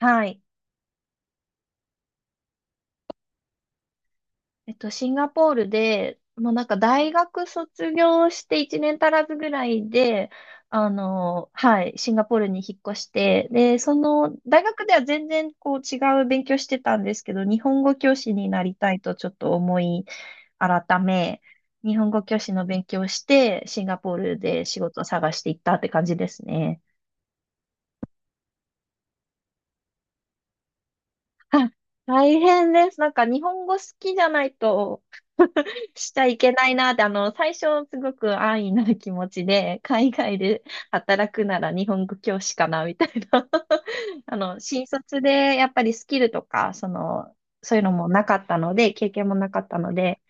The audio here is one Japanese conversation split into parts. はい。シンガポールで、もうなんか大学卒業して1年足らずぐらいで、はい、シンガポールに引っ越して、で、その、大学では全然こう違う勉強してたんですけど、日本語教師になりたいとちょっと思い改め、日本語教師の勉強をして、シンガポールで仕事を探していったって感じですね。あ、大変です。なんか日本語好きじゃないとしちゃいけないなって、最初すごく安易な気持ちで、海外で働くなら日本語教師かな、みたいな。新卒でやっぱりスキルとか、そういうのもなかったので、経験もなかったので、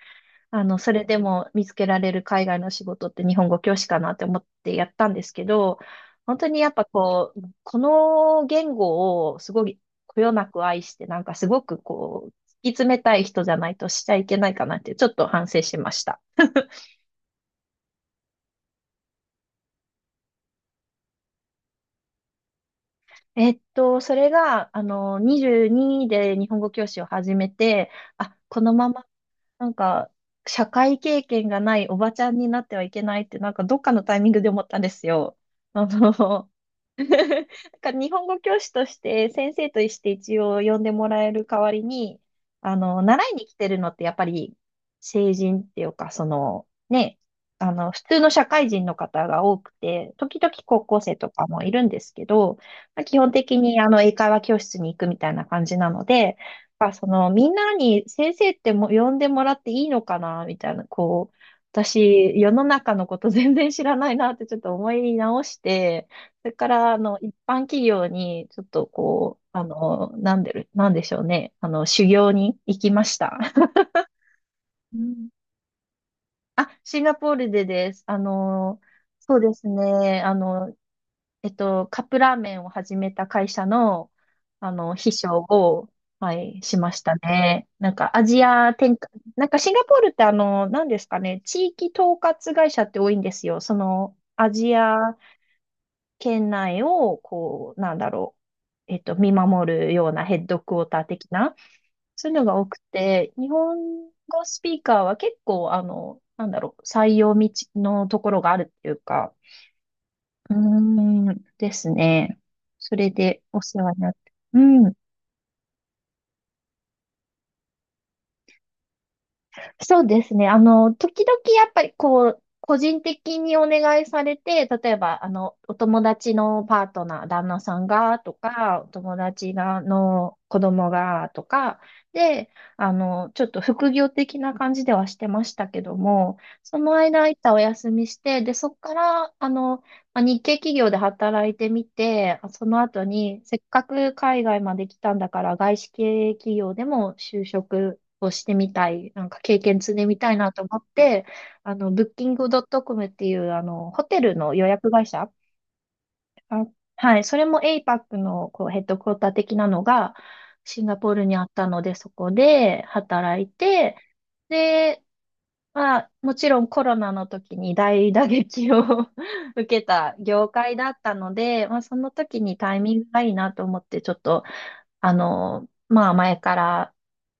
それでも見つけられる海外の仕事って日本語教師かなって思ってやったんですけど、本当にやっぱこう、この言語をすごいこよなく愛して、なんかすごくこう、突き詰めたい人じゃないとしちゃいけないかなってちょっと反省しました。それが、22で日本語教師を始めて、あ、このまま、なんか、社会経験がないおばちゃんになってはいけないって、なんかどっかのタイミングで思ったんですよ。あの、なんか日本語教師として先生として一応呼んでもらえる代わりに、習いに来てるのってやっぱり成人っていうか、普通の社会人の方が多くて、時々高校生とかもいるんですけど、まあ基本的に英会話教室に行くみたいな感じなので、まあ、みんなに先生っても呼んでもらっていいのかな、みたいな、こう、私、世の中のこと全然知らないなってちょっと思い直して、それから、一般企業に、ちょっとこう、なんでしょうね。修行に行きました。うん。あ、シンガポールでです。そうですね。カップラーメンを始めた会社の、秘書を、はい、しましたね。なんか、アジア展開、なんかシンガポールってなんですかね、地域統括会社って多いんですよ。アジア県内を、こう、見守るようなヘッドクォーター的な、そういうのが多くて、日本語スピーカーは結構、採用道のところがあるっていうか、うーん、ですね。それでお世話になって。うん。そうですね。時々やっぱりこう、個人的にお願いされて、例えば、お友達のパートナー、旦那さんが、とか、お友達が、の子供が、とか、で、ちょっと副業的な感じではしてましたけども、その間、空ったお休みして、で、そこから、まあ日系企業で働いてみて、その後に、せっかく海外まで来たんだから、外資系企業でも就職をしてみたい、なんか経験積んでみたいなと思って、ブッキングドットコムっていう、ホテルの予約会社、あ、はい、それも APAC のこうヘッドクォーター的なのがシンガポールにあったので、そこで働いて、で、まあ、もちろんコロナの時に大打撃を 受けた業界だったので、まあ、その時にタイミングがいいなと思って、ちょっとまあ前から、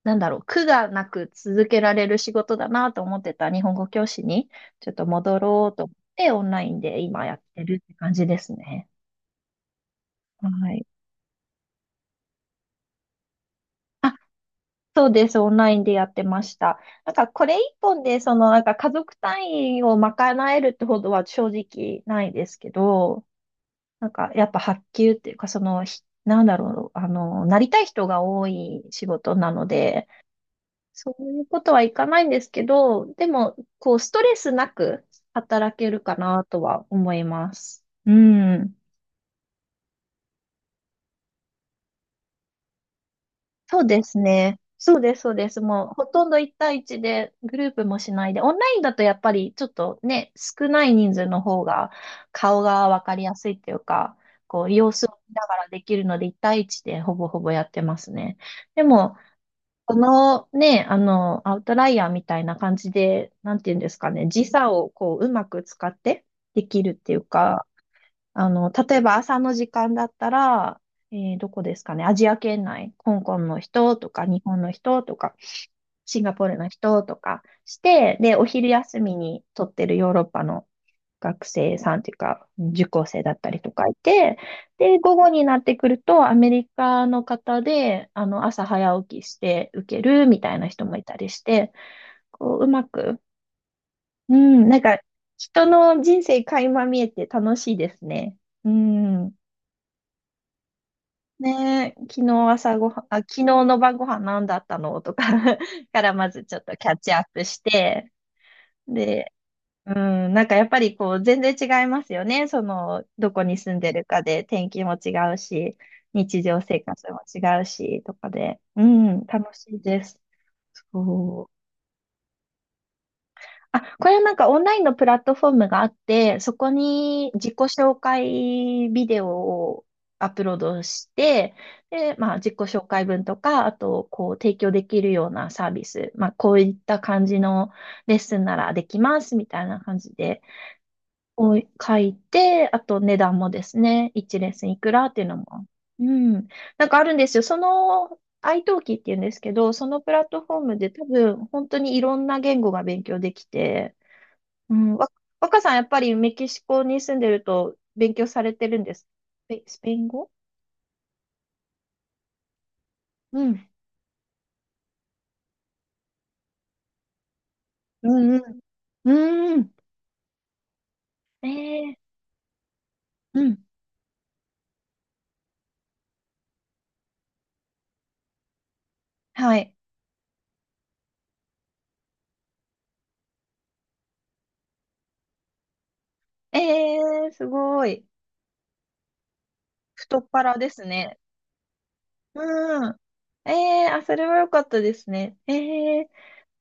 なんだろう、苦がなく続けられる仕事だなと思ってた日本語教師に、ちょっと戻ろうと思って、オンラインで今やってるって感じですね。はい。あ、そうです。オンラインでやってました。なんかこれ一本で、なんか家族単位を賄えるってほどは正直ないですけど、なんかやっぱ発給っていうか、なんだろう、なりたい人が多い仕事なので、そういうことはいかないんですけど、でも、こう、ストレスなく働けるかなとは思います。うん。そうですね。そうです、そうです。もう、ほとんど一対一で、グループもしないで、オンラインだとやっぱり、ちょっとね、少ない人数の方が、顔がわかりやすいっていうか、こう、様子を見ながらできるので、一対一でほぼほぼやってますね。でも、このね、アウトライヤーみたいな感じで、なんていうんですかね、時差をこう、うまく使ってできるっていうか、例えば朝の時間だったら、どこですかね、アジア圏内、香港の人とか、日本の人とか、シンガポールの人とかして、で、お昼休みに撮ってるヨーロッパの学生さんというか、受講生だったりとかいて、で、午後になってくると、アメリカの方で、朝早起きして受けるみたいな人もいたりして、こう、うまく、うん、なんか、人の人生垣間見えて楽しいですね。うん。ねえ、昨日朝ごはん、あ、昨日の晩ご飯何だったのとか からまずちょっとキャッチアップして、で、うん、なんかやっぱりこう全然違いますよね。どこに住んでるかで天気も違うし、日常生活も違うし、とかで。うん、楽しいです。そう。あ、これはなんかオンラインのプラットフォームがあって、そこに自己紹介ビデオをアップロードして、で、まあ自己紹介文とか、あとこう提供できるようなサービス、まあこういった感じのレッスンならできますみたいな感じで。を書いて、あと値段もですね、1レッスンいくらっていうのも。うん。なんかあるんですよ。iTalki っていうんですけど、そのプラットフォームで多分本当にいろんな言語が勉強できて、うん、若さんやっぱりメキシコに住んでると勉強されてるんです。スペイン語、うん。うんうん。うん。えー、うん。はい。えー、すごい。太っ腹ですね。うん。ええ、あ、それは良かったですね。ええ、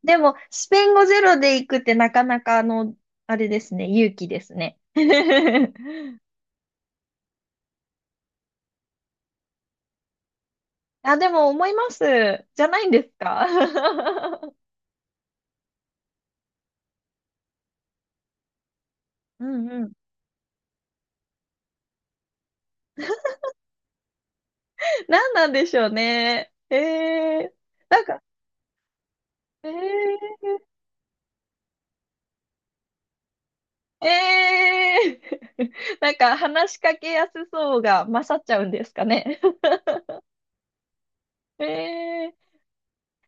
でも、スペイン語ゼロで行くってなかなか、あれですね、勇気ですね。あ、でも思います。じゃないんですか？ うんうん。何なんでしょうね。ええ、なんか、ええええ なんか話しかけやすそうが勝っちゃうんですかね。ええ、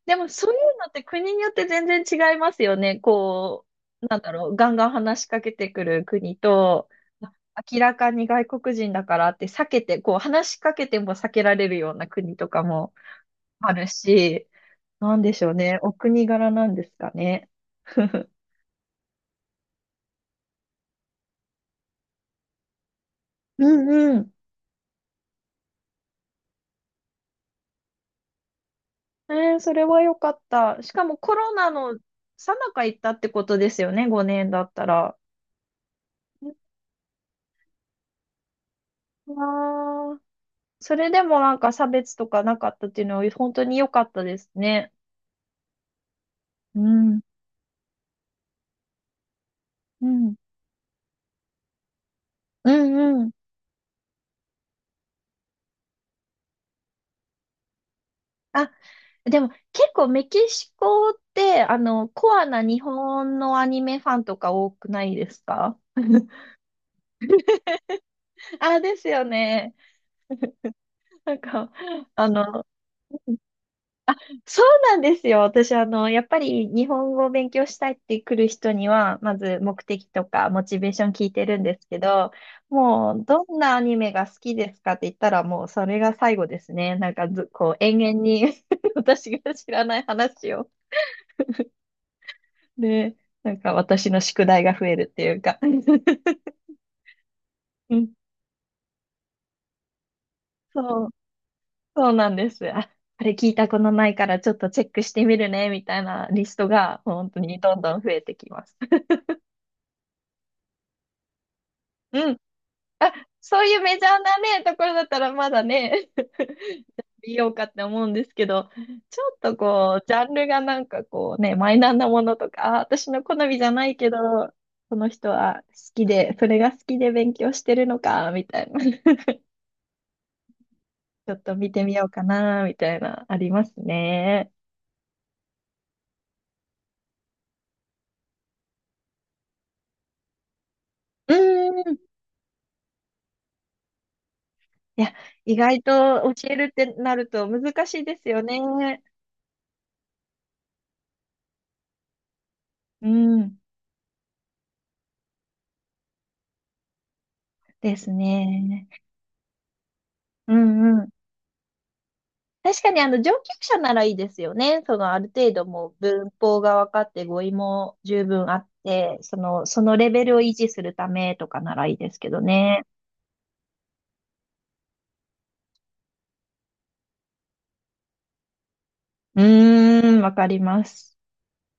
でもそういうのって国によって全然違いますよね。こう、なんだろう、ガンガン話しかけてくる国と、あ明らかに外国人だからって避けて、こう話しかけても避けられるような国とかもあるし、なんでしょうね。お国柄なんですかね。うんうん。えー、それは良かった。しかもコロナの最中行ったってことですよね、5年だったら。わー、それでもなんか差別とかなかったっていうのは本当に良かったですね。うん。うん。うんうん。あ、でも結構メキシコって、コアな日本のアニメファンとか多くないですか？あ、ですよね。なんか、あの、そうなんですよ。私、やっぱり日本語を勉強したいって来る人には、まず目的とかモチベーション聞いてるんですけど、もう、どんなアニメが好きですかって言ったら、もうそれが最後ですね。なんかず、こう、延々に 私が知らない話を。で、なんか私の宿題が増えるっていうか うん、そう、そうなんです。あ、あれ聞いたことないからちょっとチェックしてみるね、みたいなリストが本当にどんどん増えてきます。うん。あ、そういうメジャーなね、ところだったらまだね、見ようかって思うんですけど、ちょっとこう、ジャンルがなんかこうね、マイナーなものとか、あ、私の好みじゃないけど、この人は好きで、それが好きで勉強してるのか、みたいな。ちょっと見てみようかな、みたいな、ありますね。うーん。いや、意外と教えるってなると難しいですよね。うん。ですね。うん、確かにあの上級者ならいいですよね。そのある程度もう文法が分かって語彙も十分あって、そのレベルを維持するためとかならいいですけどね。うーん、わかります。